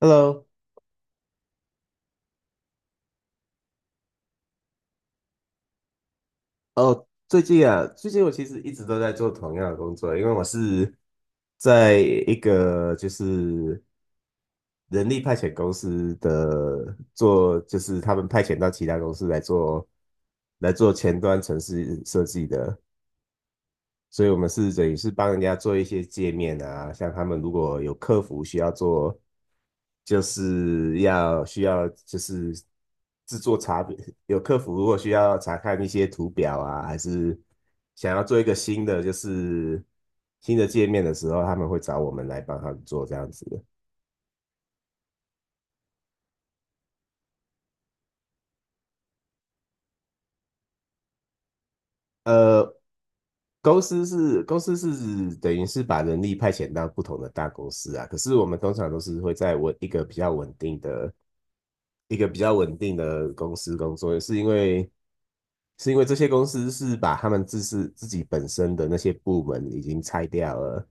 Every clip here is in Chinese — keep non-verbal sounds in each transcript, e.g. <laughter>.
Hello，哦，最近啊，最近我其实一直都在做同样的工作，因为我是在一个就是人力派遣公司的做，就是他们派遣到其他公司来做前端城市设计的。所以我们是等于是帮人家做一些界面啊，像他们如果有客服需要做，就是要需要就是制作查表，<laughs> 有客服如果需要查看一些图表啊，还是想要做一个新的就是新的界面的时候，他们会找我们来帮他们做这样子。呃，公司是等于是把人力派遣到不同的大公司啊，可是我们通常都是会在稳一个比较稳定的、一个比较稳定的公司工作，是因为这些公司是把他们自是自己本身的那些部门已经拆掉了，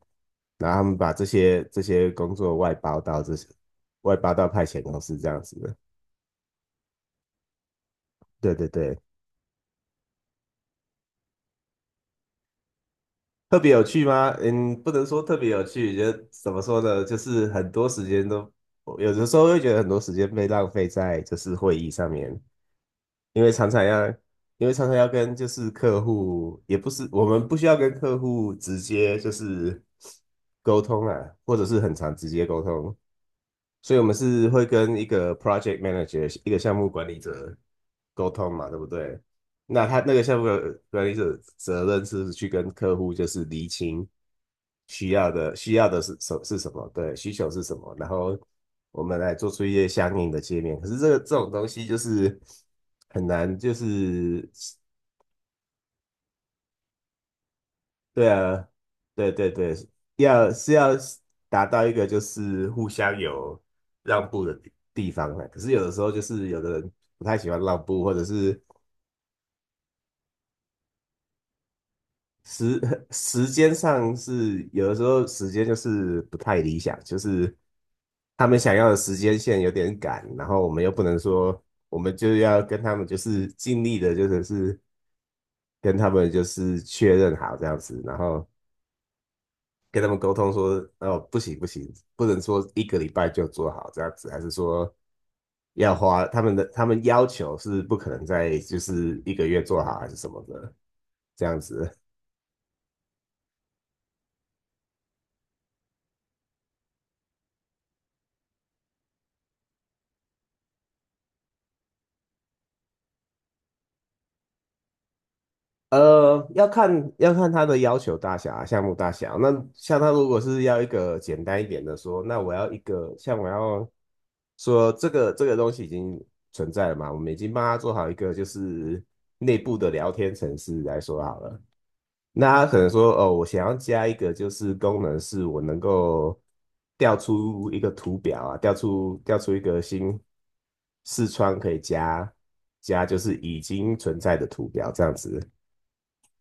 然后他们把这些工作外包到这些外包到派遣公司这样子的，对对对。特别有趣吗？嗯，不能说特别有趣，觉得怎么说呢？就是很多时间都，有的时候会觉得很多时间被浪费在就是会议上面，因为常常要，因为常常要跟就是客户，也不是我们不需要跟客户直接就是沟通啊，或者是很常直接沟通，所以我们是会跟一个 project manager，一个项目管理者沟通嘛，对不对？那他那个项目管理者责任是去跟客户就是厘清需要的是什是什么，对，需求是什么，然后我们来做出一些相应的界面。可是这个这种东西就是很难，就是对啊，对对对，要是要达到一个就是互相有让步的地地方呢，可是有的时候就是有的人不太喜欢让步，或者是时 <laughs> 时间上是有的时候时间就是不太理想，就是他们想要的时间线有点赶，然后我们又不能说我们就要跟他们就是尽力的，就是是跟他们就是确认好这样子，然后。跟他们沟通说，哦，不行不行，不能说一个礼拜就做好这样子，还是说要花他们的他们要求是不可能在就是一个月做好还是什么的这样子。要看他的要求大小啊，项目大小。那像他如果是要一个简单一点的说，那我要一个像我要说这个东西已经存在了嘛，我们已经帮他做好一个就是内部的聊天程式来说好了。那他可能说，哦，我想要加一个就是功能，是我能够调出一个图表啊，调出一个新视窗可以加加，就是已经存在的图表这样子。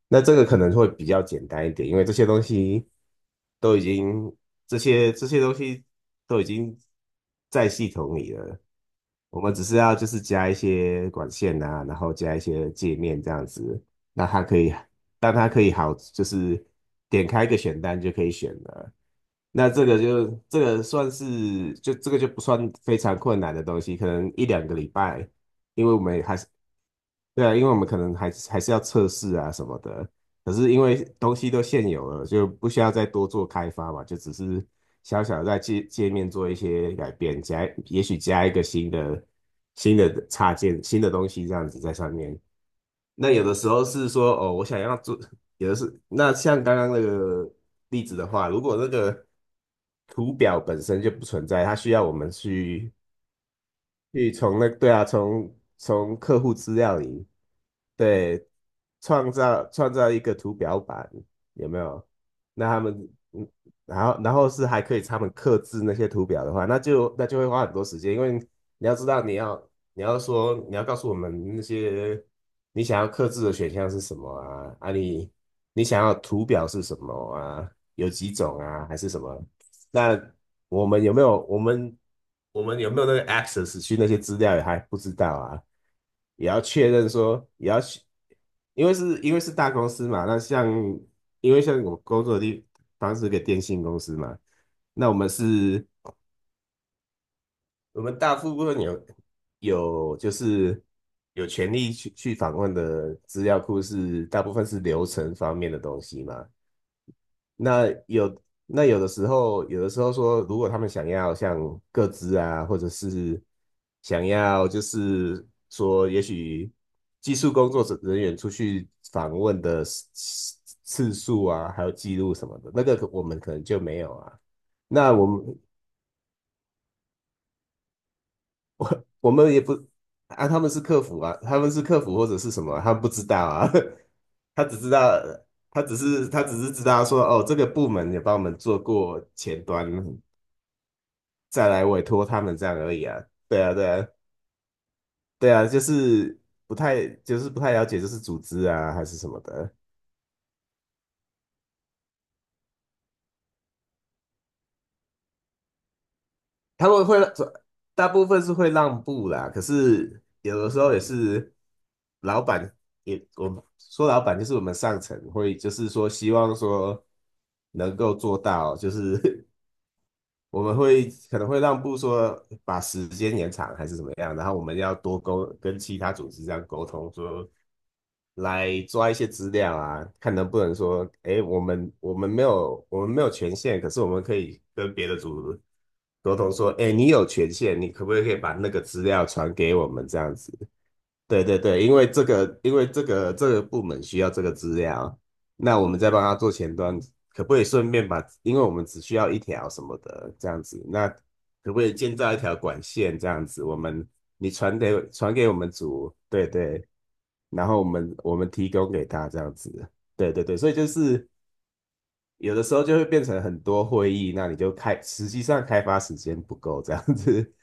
那这个可能会比较简单一点，因为这些东西都已经这些东西都已经在系统里了，我们只是要就是加一些管线啊，然后加一些界面这样子，那它可以让它可以好就是点开一个选单就可以选了。那这个就这个算是就这个就不算非常困难的东西，可能一两个礼拜。因为我们还是对啊，因为我们可能还是要测试啊什么的，可是因为东西都现有了，就不需要再多做开发嘛，就只是小小的在界界面做一些改变，加也许加一个新的新的插件、新的东西这样子在上面。那有的时候是说哦，我想要做，有的是那像刚刚那个例子的话，如果那个图表本身就不存在，它需要我们去去从那对啊，从从客户资料里对，创造一个图表板，有没有？那他们，嗯，然后然后是还可以他们刻制那些图表的话，那就那就会花很多时间，因为你要知道你要你要说你要告诉我们那些你想要刻制的选项是什么啊？啊你你想要图表是什么啊？有几种啊？还是什么？那我们有没有我们我们有没有那个 access 去那些资料也还不知道啊？也要确认说，也要去，因为是大公司嘛，那像因为像我工作的地方是个电信公司嘛，那我们是，我们大部分有有就是有权利去去访问的资料库是大部分是流程方面的东西嘛，那有那有的时候，有的时候说，如果他们想要像各自啊，或者是想要就是说，也许技术工作者人员出去访问的次次次数啊，还有记录什么的，那个可我们可能就没有啊。那我们我们也不啊，他们是客服啊，他们是客服或者是什么啊，他们不知道啊，<laughs> 他只知道。他只是知道说，哦，这个部门也帮我们做过前端，再来委托他们这样而已啊。对啊，对啊，对啊，就是不太，就是不太了解，就是组织啊还是什么的，他们会大部分是会让步啦，可是有的时候也是老板也，我们说老板就是我们上层会，就是说希望说能够做到，就是 <laughs> 我们会可能会让步说把时间延长还是怎么样，然后我们要多沟跟其他组织这样沟通说。来抓一些资料啊，看能不能说，哎，我们没有权限，可是我们可以跟别的组沟通说，哎，你有权限，你可不可以把那个资料传给我们这样子？对对对，因为这个，因为这个部门需要这个资料，那我们再帮他做前端，可不可以顺便把，因为我们只需要一条什么的这样子，那可不可以建造一条管线这样子？我们你传给我们组，对对，然后我们提供给他这样子，对对对，所以就是有的时候就会变成很多会议，那你就开，实际上开发时间不够这样子，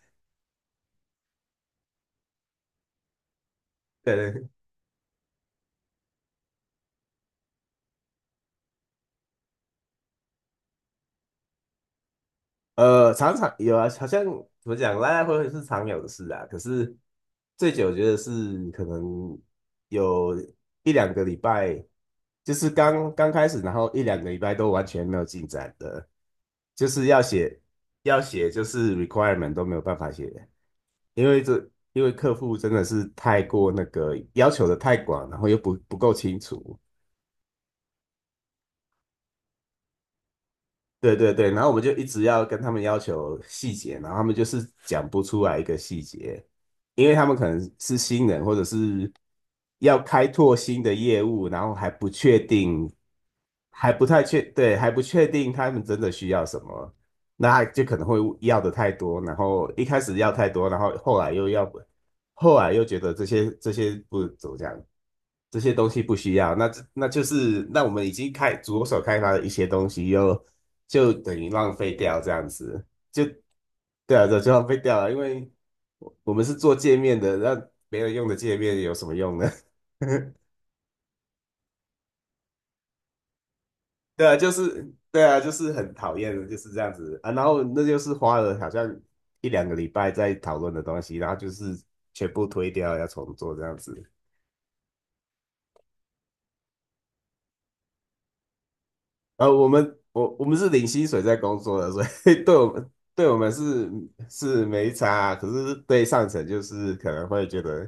<laughs> 对对。常常有啊，好像怎么讲，来来回回是常有的事啊。可是最久，我觉得是可能有一两个礼拜，就是刚刚开始，然后一两个礼拜都完全没有进展的，就是要写，就是 requirement 都没有办法写，因为这因为客户真的是太过那个要求的太广，然后又不不够清楚，对对对，然后我们就一直要跟他们要求细节，然后他们就是讲不出来一个细节，因为他们可能是新人，或者是要开拓新的业务，然后还不确定，还不太确，对，还不确定他们真的需要什么，那就可能会要的太多，然后一开始要太多，然后后来又要不，后来又觉得这些不怎么讲，这些东西不需要，那这那就是那我们已经开着手开发的一些东西又。就等于浪费掉这样子，就对啊，这就浪费掉了，因为我们是做界面的，那没人用的界面有什么用呢？<laughs> 对啊，就是对啊，就是很讨厌的，就是这样子啊。然后那就是花了好像1、2个礼拜在讨论的东西，然后就是全部推掉，要重做这样子。我们是领薪水在工作的，所以 <laughs> 对我们是是没差啊，可是对上层就是可能会觉得，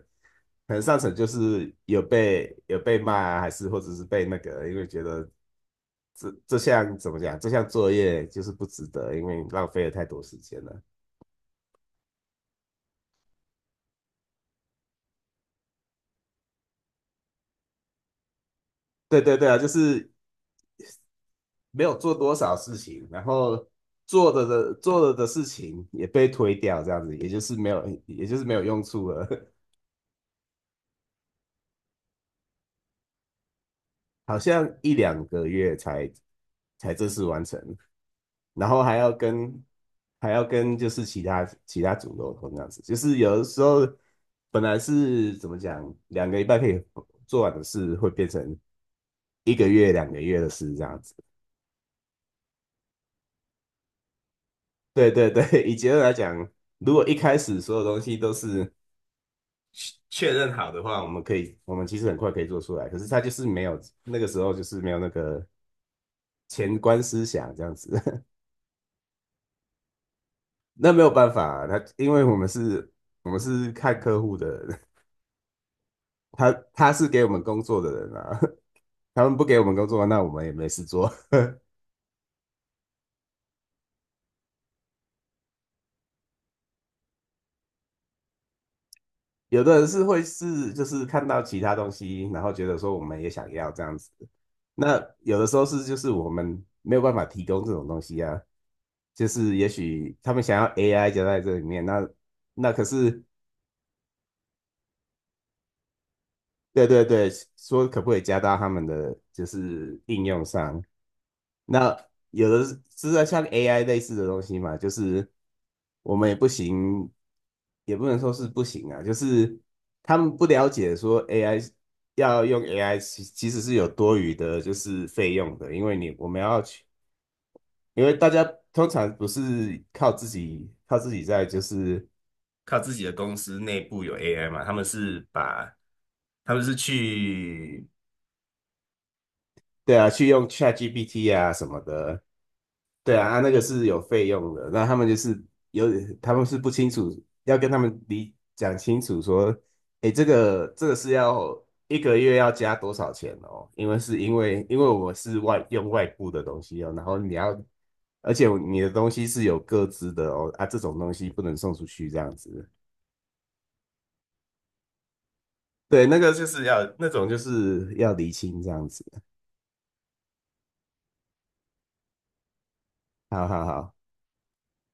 可能上层就是有被骂啊，还是或者是被那个，因为觉得这项怎么讲，这项作业就是不值得，因为你浪费了太多时间了。对对对啊，就是没有做多少事情，然后做了的事情也被推掉，这样子，也就是没有也就是没有用处了。<laughs> 好像1、2个月才才正式完成，然后还要跟就是其他组沟通这样子，就是有的时候本来是怎么讲，两个礼拜可以做完的事，会变成1个月、2个月的事这样子。对对对，<laughs> 以结论来讲，如果一开始所有东西都是确认好的话，我们可以，我们其实很快可以做出来。可是他就是没有那个时候，就是没有那个前观思想这样子。<laughs> 那没有办法、啊他因为我们是，我们是看客户的人，他是给我们工作的人啊，<laughs> 他们不给我们工作，那我们也没事做。有的人是会是就是看到其他东西，然后觉得说我们也想要这样子，那有的时候是就是我们没有办法提供这种东西啊，就是也许他们想要 AI 就在这里面，那可是对对对，说可不可以加到他们的就是应用上？那有的是是在像 AI 类似的东西嘛，就是我们也不行，也不能说是不行啊，就是他们不了解说 AI 要用 AI 其实是有多余的，就是费用的，因为你我们要去，因为大家通常不是靠自己在就是靠自己的公司内部有 AI 嘛，他们是把他们是去对啊，去用 ChatGPT 啊什么的，对啊，啊那个是有费用的。那他们就是有，他们是不清楚，要跟他们理讲清楚说，诶，这个是要一个月要加多少钱哦？因为是因为我们是外部的东西哦，然后你要，而且你的东西是有各自的哦，啊，这种东西不能送出去这样子。对，那个就是要那种就是要厘清这样子。好好好，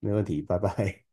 没问题，拜拜。